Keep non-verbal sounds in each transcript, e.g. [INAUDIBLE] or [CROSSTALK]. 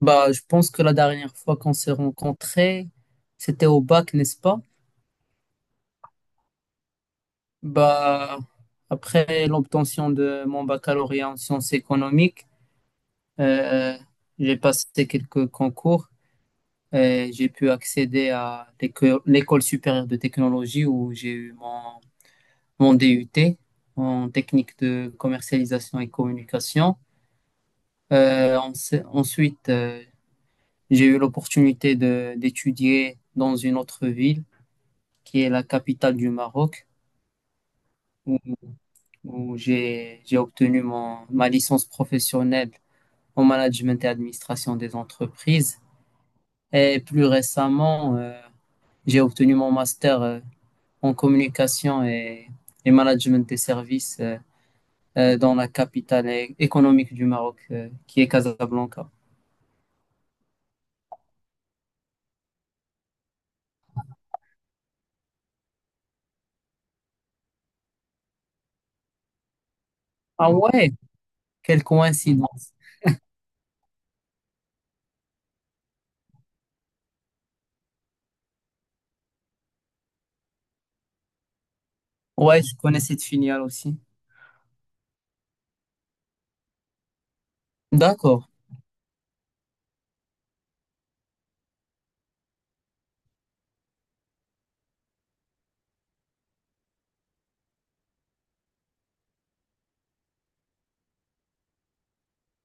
Bah, je pense que la dernière fois qu'on s'est rencontrés, c'était au bac, n'est-ce pas? Bah, après l'obtention de mon baccalauréat en sciences économiques, euh, j'ai passé quelques concours et j'ai pu accéder à l'école supérieure de technologie où j'ai eu mon DUT en technique de commercialisation et communication. Ensuite, j'ai eu l'opportunité de d'étudier dans une autre ville qui est la capitale du Maroc, où, où j'ai obtenu ma licence professionnelle en management et administration des entreprises. Et plus récemment, j'ai obtenu mon master en communication et management des services dans la capitale économique du Maroc, qui est Casablanca. Ah ouais, quelle coïncidence. Ouais, je connais cette filiale aussi. D'accord.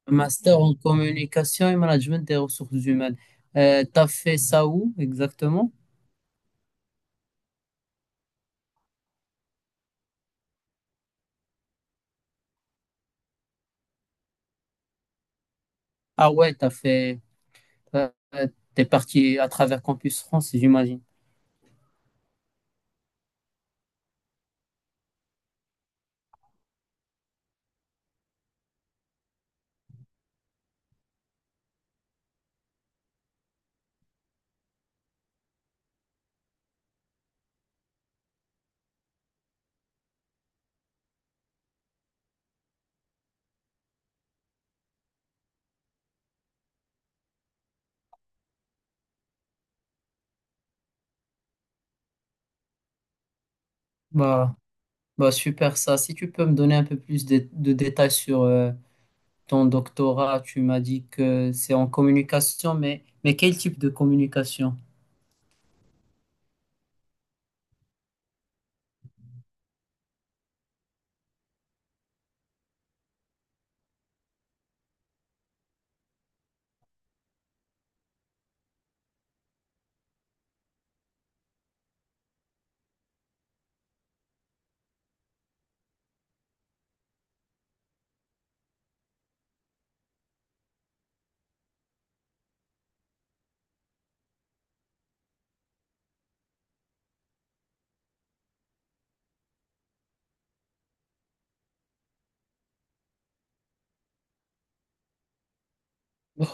Master en communication et management des ressources humaines. T'as fait ça où exactement? Ah ouais, t'as- t'es parti à travers Campus France, j'imagine. Bah, bah super ça. Si tu peux me donner un peu plus de détails sur ton doctorat, tu m'as dit que c'est en communication, mais quel type de communication?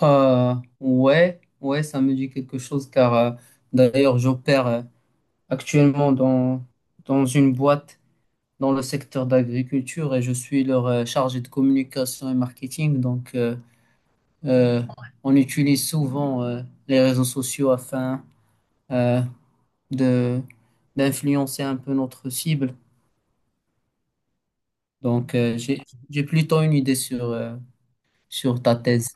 Euh, ouais, ouais, ça me dit quelque chose car d'ailleurs j'opère actuellement dans une boîte. Dans le secteur d'agriculture et je suis leur chargé de communication et marketing. Donc, euh, on utilise souvent les réseaux sociaux afin euh, de d'influencer un peu notre cible. Donc, j'ai plutôt une idée sur sur ta thèse.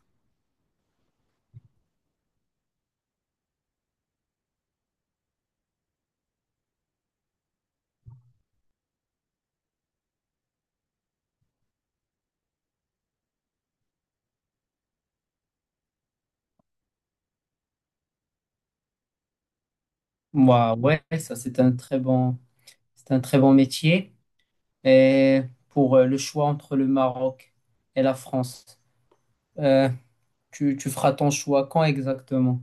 Moi, ouais, ça, c'est un très bon métier. Et pour le choix entre le Maroc et la France, euh, tu feras ton choix quand exactement?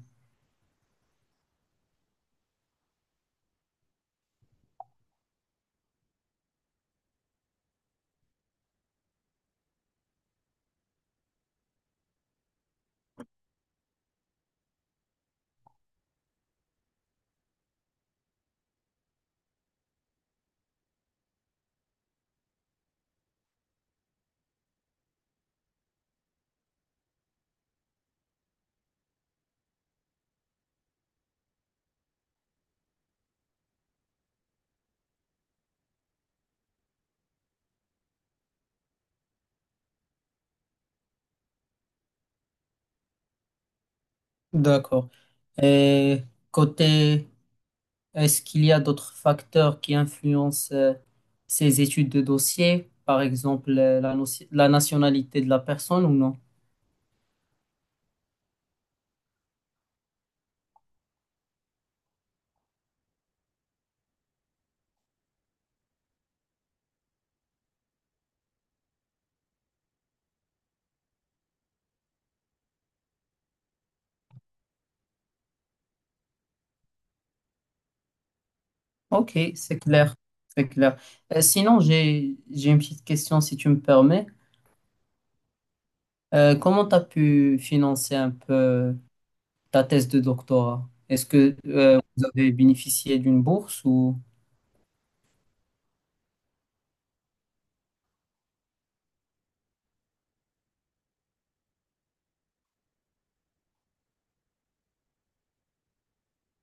D'accord. Et côté, est-ce qu'il y a d'autres facteurs qui influencent ces études de dossier, par exemple la nationalité de la personne ou non? Ok, c'est clair, c'est clair. Sinon, j'ai une petite question si tu me permets. Comment tu as pu financer un peu ta thèse de doctorat? Est-ce que vous avez bénéficié d'une bourse ou...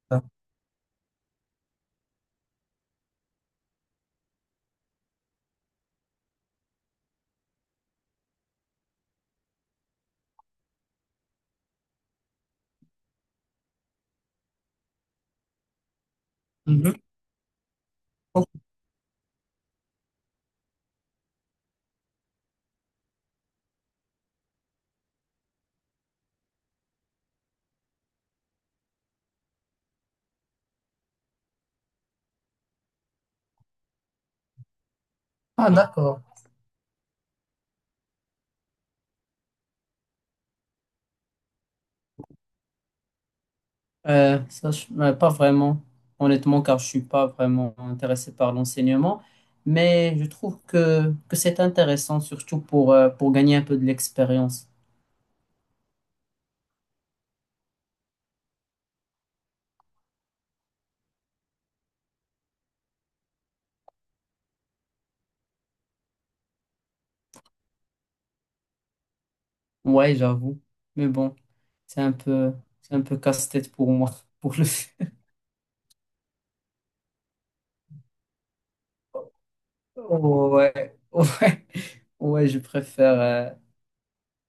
Ah, mhm. Ah, d'accord. Ça, pas vraiment, honnêtement, car je suis pas vraiment intéressé par l'enseignement, mais je trouve que c'est intéressant, surtout pour gagner un peu de l'expérience. Ouais, j'avoue, mais bon, c'est un peu, c'est un peu casse-tête pour moi, [LAUGHS] pour le faire. Ouais, ouais, ouais, je préfère euh,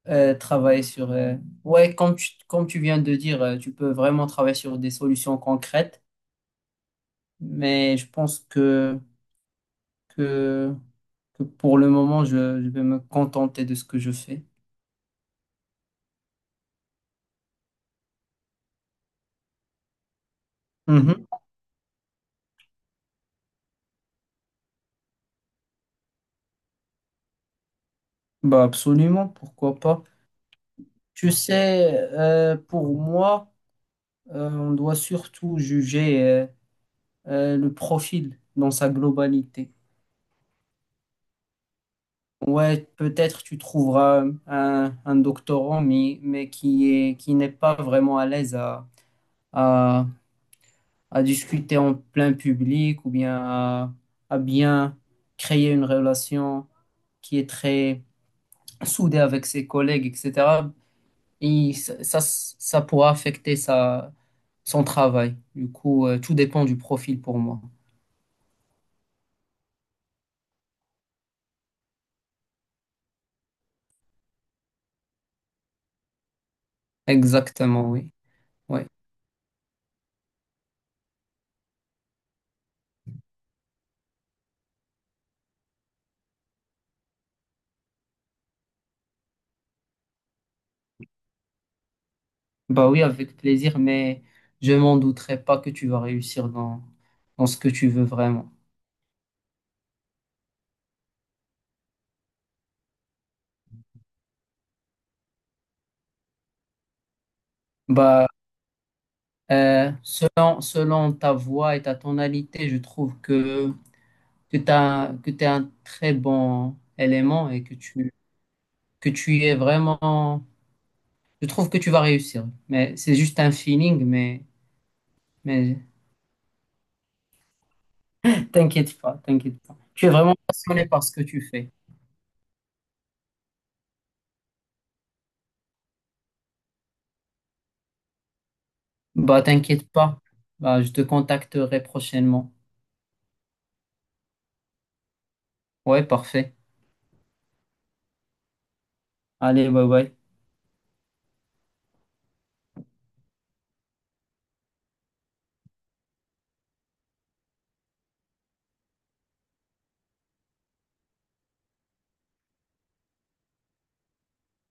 euh, travailler sur. Ouais, comme tu viens de dire, tu peux vraiment travailler sur des solutions concrètes, mais je pense que que pour le moment, je vais me contenter de ce que je fais. Mhm. Bah absolument, pourquoi pas. Tu sais, pour moi, on doit surtout juger le profil dans sa globalité. Ouais, peut-être tu trouveras un doctorant, mais qui est, qui n'est pas vraiment à l'aise à, à discuter en plein public ou bien à bien créer une relation qui est très soudée avec ses collègues, etc. Et ça pourra affecter son travail. Du coup, tout dépend du profil pour moi. Exactement, oui. Ouais. Bah oui, avec plaisir, mais je m'en douterai pas que tu vas réussir dans ce que tu veux vraiment. Bah, selon ta voix et ta tonalité, je trouve que t'es un très bon élément et que tu es vraiment... Je trouve que tu vas réussir, mais c'est juste un feeling, mais t'inquiète pas, t'inquiète pas. Tu es vraiment passionné par ce que tu fais. Bah, t'inquiète pas. Bah, je te contacterai prochainement. Ouais, parfait. Allez, bye bye.